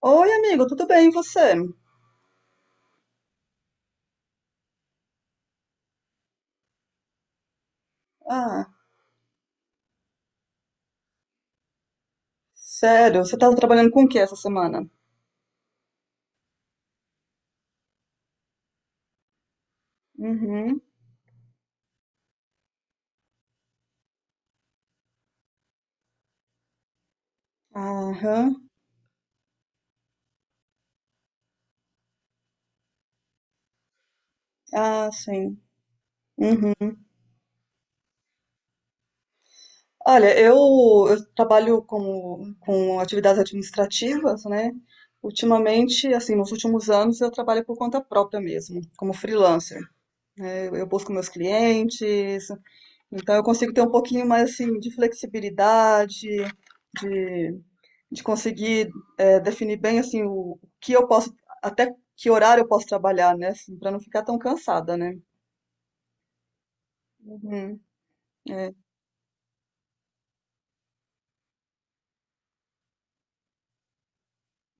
Oi, amigo, tudo bem, e você? Ah, sério, você tá trabalhando com o que essa semana? Uhum. Aham. Ah, sim. Uhum. Olha, eu trabalho com atividades administrativas, né? Ultimamente, assim, nos últimos anos, eu trabalho por conta própria mesmo, como freelancer. Eu busco meus clientes, então eu consigo ter um pouquinho mais, assim, de flexibilidade, de de conseguir definir bem assim o que eu posso, até que horário eu posso trabalhar, né? Assim, para não ficar tão cansada, né? Uhum, é.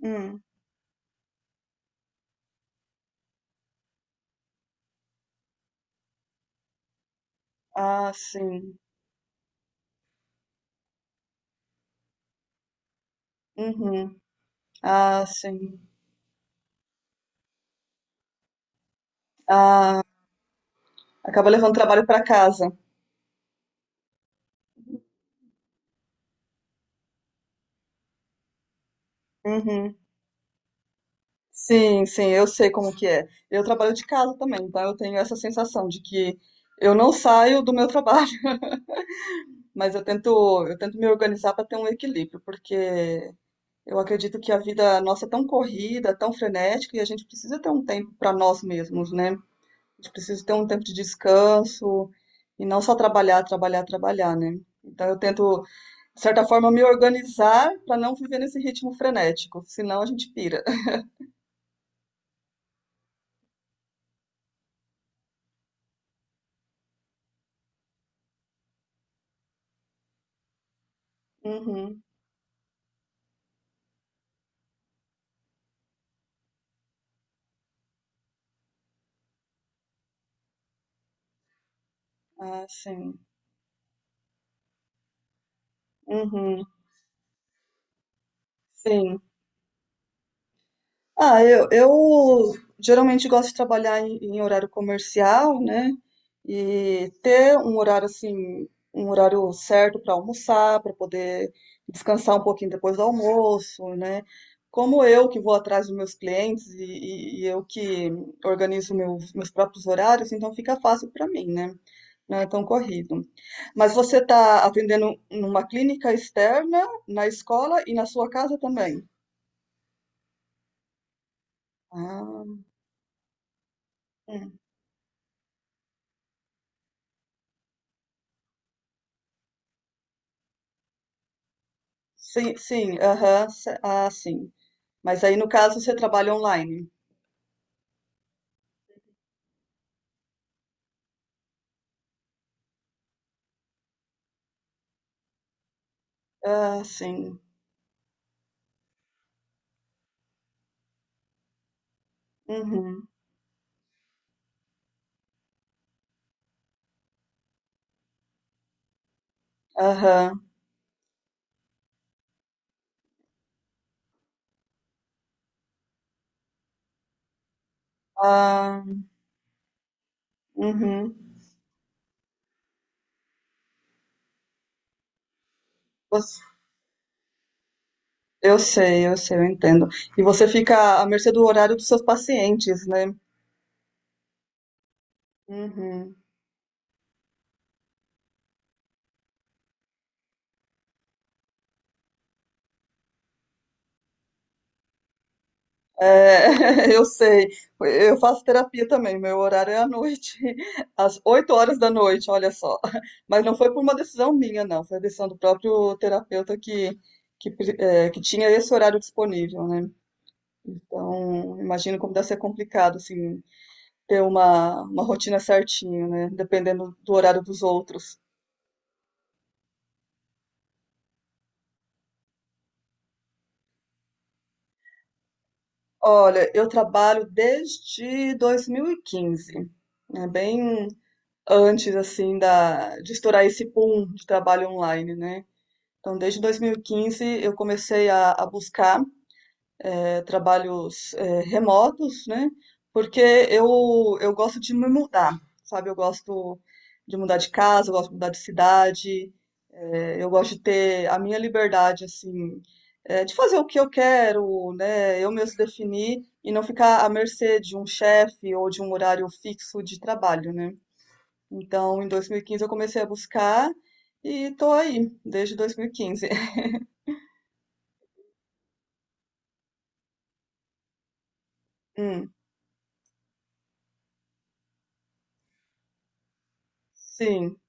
Hum. Ah, sim. Uhum. Ah, sim. Ah, acaba levando trabalho para casa. Uhum. Sim, sim, eu sei como que é. Eu trabalho de casa também, então eu tenho essa sensação de que eu não saio do meu trabalho, mas eu tento me organizar para ter um equilíbrio, porque eu acredito que a vida nossa é tão corrida, tão frenética, e a gente precisa ter um tempo para nós mesmos, né? A gente precisa ter um tempo de descanso e não só trabalhar, trabalhar, trabalhar, né? Então eu tento, de certa forma, me organizar para não viver nesse ritmo frenético, senão a gente pira. Uhum. Ah, sim. Uhum. Sim. Ah, eu geralmente gosto de trabalhar em horário comercial, né? E ter um horário assim, um horário certo para almoçar, para poder descansar um pouquinho depois do almoço, né? Como eu que vou atrás dos meus clientes e eu que organizo meus próprios horários, então fica fácil para mim, né? Não é tão corrido. Mas você está atendendo numa clínica externa, na escola e na sua casa também? Ah, hum. Sim, sim, aham, ah, sim. Mas aí no caso você trabalha online. Ah, sim. Uhum, aham, ah, uhum. Você- Eu sei, eu sei, eu entendo. E você fica à mercê do horário dos seus pacientes, né? Uhum. É, eu sei. Eu faço terapia também. Meu horário é à noite, às 8 horas da noite, olha só. Mas não foi por uma decisão minha, não. Foi a decisão do próprio terapeuta que tinha esse horário disponível, né? Então, imagino como deve ser complicado, assim, ter uma rotina certinho, né? Dependendo do horário dos outros. Olha, eu trabalho desde 2015, né? Bem antes, assim, de estourar esse boom de trabalho online, né? Então, desde 2015, eu comecei a buscar trabalhos remotos, né? Porque eu, eu gosto de me mudar, sabe? Eu gosto de mudar de casa, eu gosto de mudar de cidade. É, eu gosto de ter a minha liberdade, assim, é, de fazer o que eu quero, né? Eu mesmo definir e não ficar à mercê de um chefe ou de um horário fixo de trabalho, né? Então, em 2015 eu comecei a buscar e tô aí desde 2015. Hum, sim.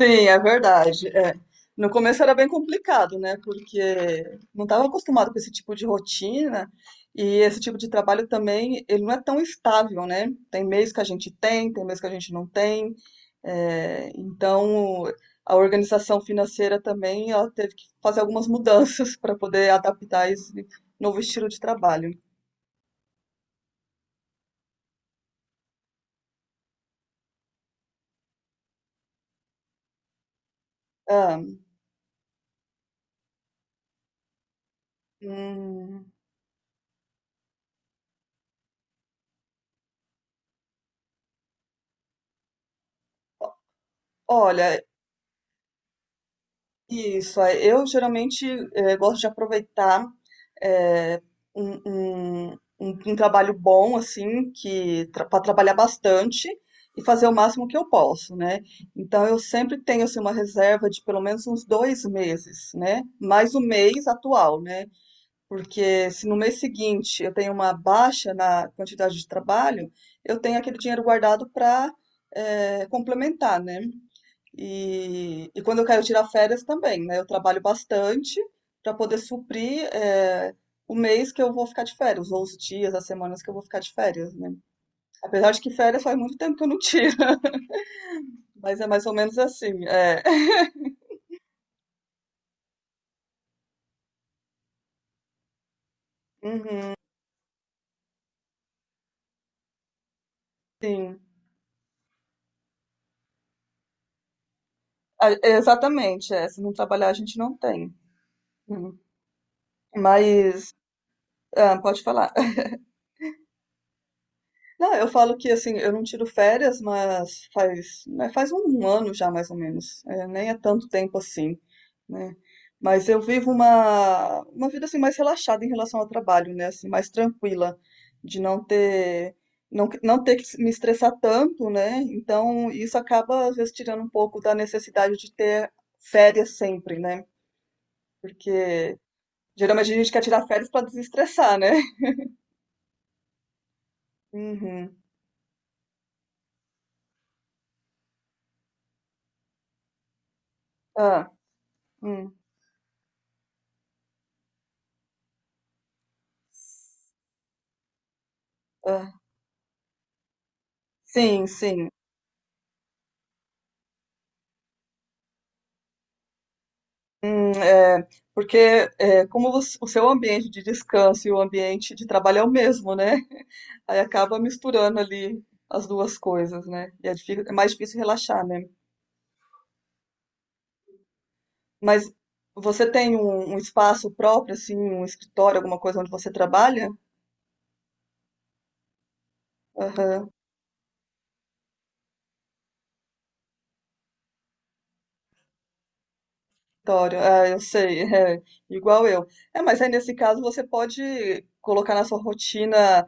Sim, é verdade. É. No começo era bem complicado, né? Porque não estava acostumado com esse tipo de rotina e esse tipo de trabalho também, ele não é tão estável, né? Tem mês que a gente tem, tem mês que a gente não tem. É, então, a organização financeira também, ela teve que fazer algumas mudanças para poder adaptar esse novo estilo de trabalho. Ah, hum, olha, isso, é. Eu geralmente gosto de aproveitar eh, um, um- um trabalho bom, assim, que para trabalhar bastante e fazer o máximo que eu posso, né? Então eu sempre tenho assim, uma reserva de pelo menos uns 2 meses, né? Mais o mês atual, né? Porque se no mês seguinte eu tenho uma baixa na quantidade de trabalho, eu tenho aquele dinheiro guardado para complementar, né? E quando eu quero tirar férias também, né? Eu trabalho bastante para poder suprir, o mês que eu vou ficar de férias, ou os dias, as semanas que eu vou ficar de férias, né? Apesar de que férias faz muito tempo que eu não tiro, mas é mais ou menos assim. É. Uhum, sim. Ah, exatamente, é. Se não trabalhar, a gente não tem. Uhum. Mas, ah, pode falar. Não, eu falo que assim, eu não tiro férias, mas faz, né, faz um ano já mais ou menos. É, nem é tanto tempo assim, né? Mas eu vivo uma vida assim mais relaxada em relação ao trabalho, né? Assim, mais tranquila, de não ter não, não ter que me estressar tanto, né? Então isso acaba às vezes tirando um pouco da necessidade de ter férias sempre, né? Porque geralmente a gente quer tirar férias para desestressar, né? Uhum. Ah, hum, ah. Sim, sim. É, porque é, como o seu ambiente de descanso e o ambiente de trabalho é o mesmo, né? Aí acaba misturando ali as duas coisas, né? E é, é mais difícil relaxar, né? Mas você tem um espaço próprio, assim, um escritório, alguma coisa onde você trabalha? Aham, escritório, ah, eu sei, é, igual eu. É, mas aí nesse caso você pode colocar na sua rotina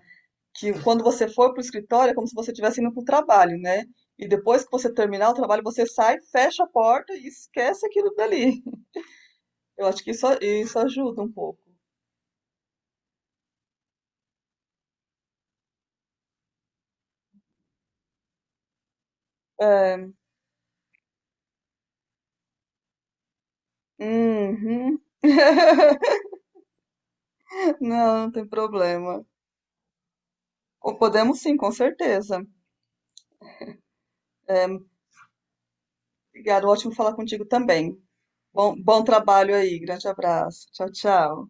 que quando você for para o escritório é como se você estivesse indo para o trabalho, né? E depois que você terminar o trabalho, você sai, fecha a porta e esquece aquilo dali. Eu acho que isso ajuda um pouco. É, uhum. Não, não tem problema. Ou podemos sim, com certeza. Obrigada, ótimo falar contigo também. Bom, bom trabalho aí, grande abraço. Tchau, tchau.